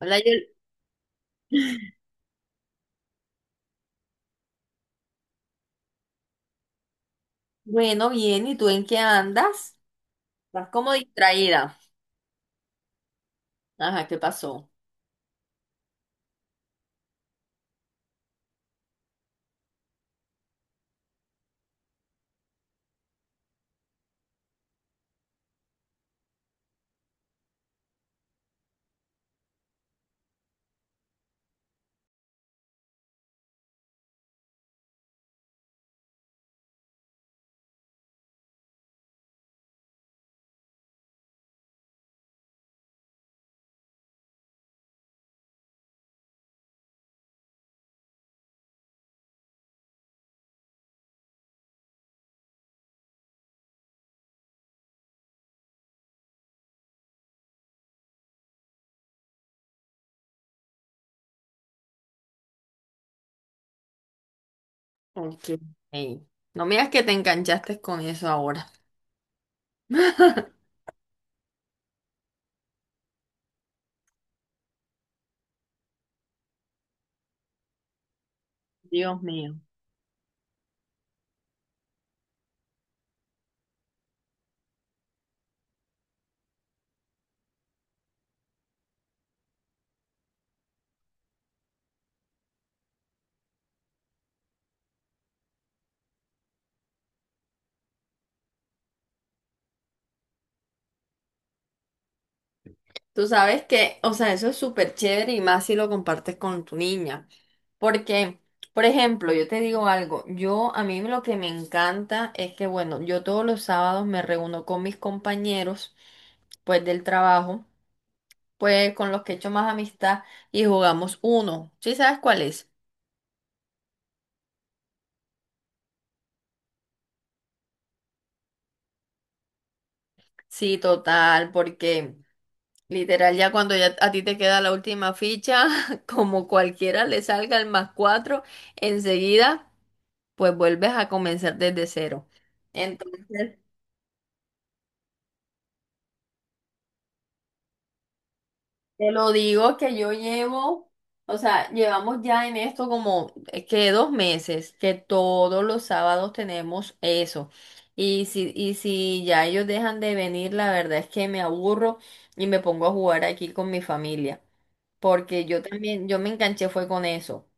Hola, Yol- Bueno, bien, ¿y tú en qué andas? Estás como distraída. Ajá, ¿qué pasó? Ok. Ey, no me digas que te enganchaste con eso ahora. Dios mío. Tú sabes que, o sea, eso es súper chévere y más si lo compartes con tu niña. Porque, por ejemplo, yo te digo algo, yo a mí lo que me encanta es que, bueno, yo todos los sábados me reúno con mis compañeros, pues del trabajo, pues con los que he hecho más amistad, y jugamos uno. ¿Sí sabes cuál es? Sí, total, porque literal ya cuando ya a ti te queda la última ficha, como cualquiera le salga el más cuatro, enseguida pues vuelves a comenzar desde cero. Entonces, te lo digo que yo llevo, o sea, llevamos ya en esto como que 2 meses, que todos los sábados tenemos eso. Y si ya ellos dejan de venir, la verdad es que me aburro y me pongo a jugar aquí con mi familia. Porque yo también, yo me enganché fue con eso.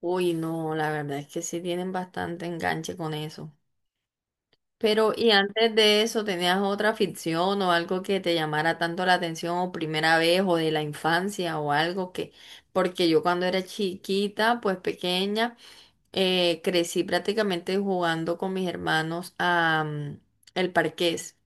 Uy, no, la verdad es que sí tienen bastante enganche con eso. Pero, ¿y antes de eso tenías otra ficción o algo que te llamara tanto la atención o primera vez o de la infancia o algo que, porque yo cuando era chiquita, pues pequeña, crecí prácticamente jugando con mis hermanos a el parqués.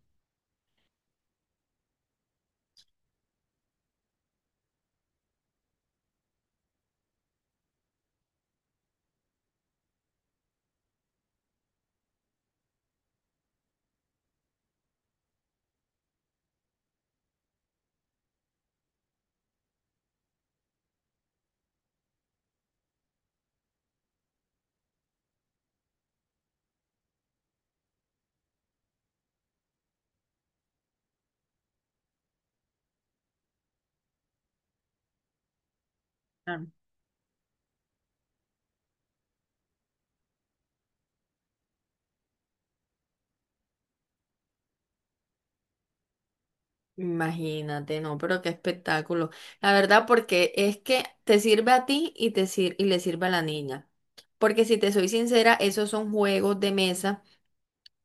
Ah. Imagínate, no, pero qué espectáculo. La verdad, porque es que te sirve a ti y te y le sirve a la niña. Porque si te soy sincera, esos son juegos de mesa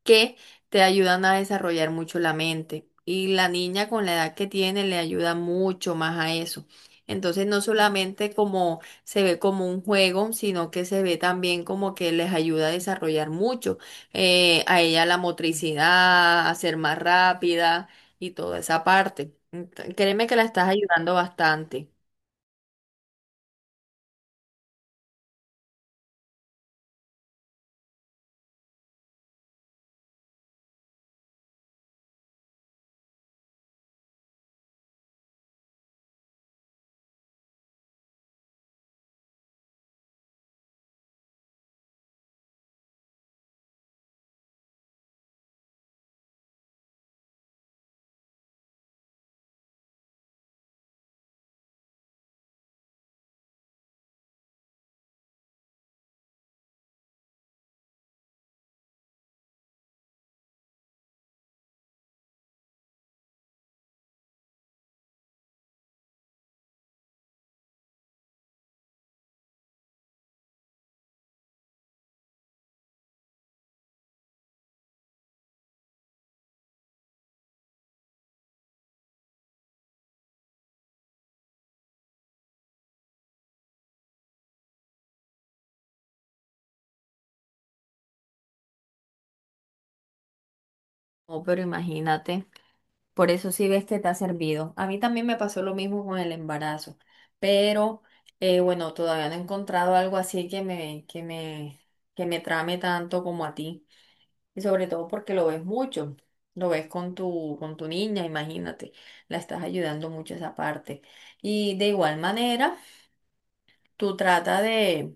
que te ayudan a desarrollar mucho la mente. Y la niña con la edad que tiene le ayuda mucho más a eso. Entonces no solamente como se ve como un juego, sino que se ve también como que les ayuda a desarrollar mucho, a ella la motricidad, a ser más rápida y toda esa parte. Créeme que la estás ayudando bastante. Oh, pero imagínate. Por eso sí ves que te ha servido. A mí también me pasó lo mismo con el embarazo, pero bueno, todavía no he encontrado algo así que me trame tanto como a ti. Y sobre todo porque lo ves mucho, lo ves con con tu niña, imagínate, la estás ayudando mucho esa parte. Y de igual manera, tú trata de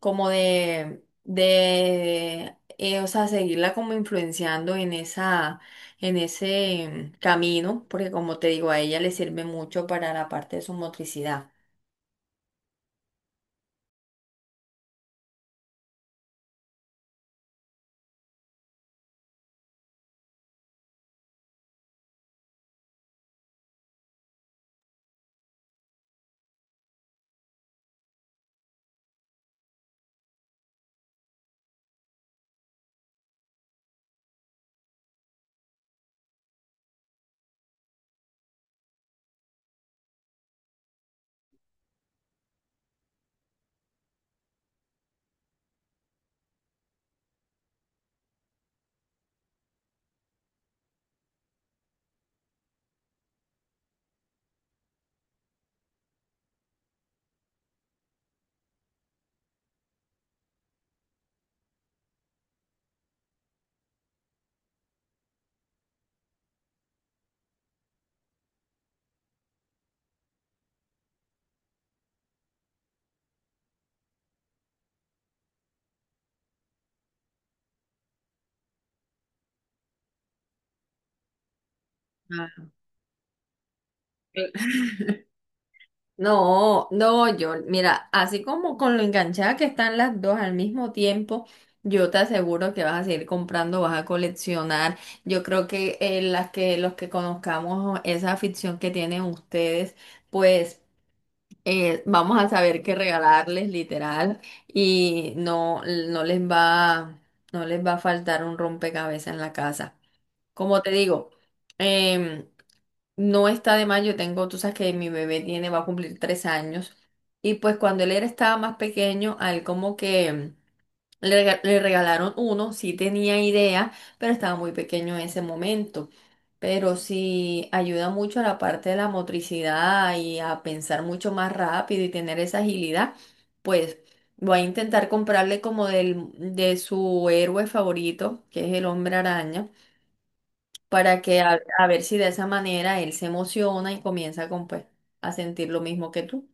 como de o sea, seguirla como influenciando en esa, en ese camino, porque como te digo, a ella le sirve mucho para la parte de su motricidad. Ah, cl- No, no, yo, mira, así como con lo enganchada que están las dos al mismo tiempo, yo te aseguro que vas a seguir comprando, vas a coleccionar. Yo creo que las que los que conozcamos esa afición que tienen ustedes, pues vamos a saber qué regalarles literal y no les va a faltar un rompecabezas en la casa. Como te digo, em, no está de más, yo tengo, tú sabes que mi bebé tiene, va a cumplir 3 años, y pues cuando él estaba más pequeño, a él como que... Le, le regalaron uno, sí tenía idea, pero estaba muy pequeño en ese momento. Pero sí ayuda mucho a la parte de la motricidad y a pensar mucho más rápido y tener esa agilidad, pues voy a intentar comprarle como de su héroe favorito, que es el hombre araña, para que a ver si de esa manera él se emociona y comienza con, pues, a sentir lo mismo que tú.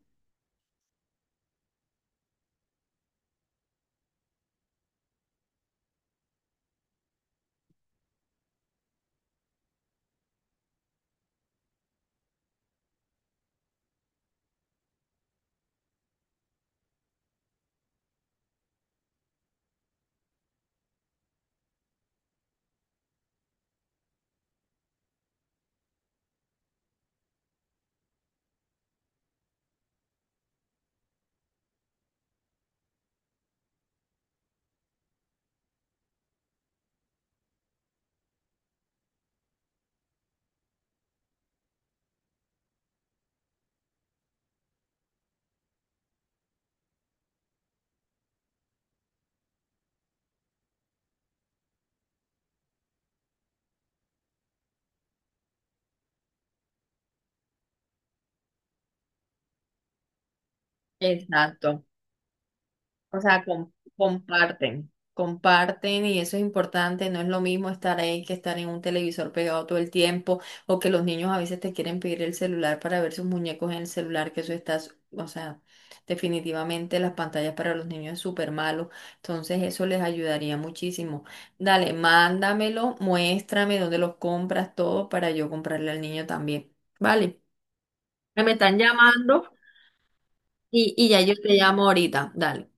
Exacto. O sea, comparten, comparten y eso es importante, no es lo mismo estar ahí que estar en un televisor pegado todo el tiempo o que los niños a veces te quieren pedir el celular para ver sus muñecos en el celular, que eso estás, o sea, definitivamente las pantallas para los niños es súper malo, entonces eso les ayudaría muchísimo. Dale, mándamelo, muéstrame dónde los compras, todo para yo comprarle al niño también, ¿vale? Me están llamando, y ya yo te llamo ahorita, dale.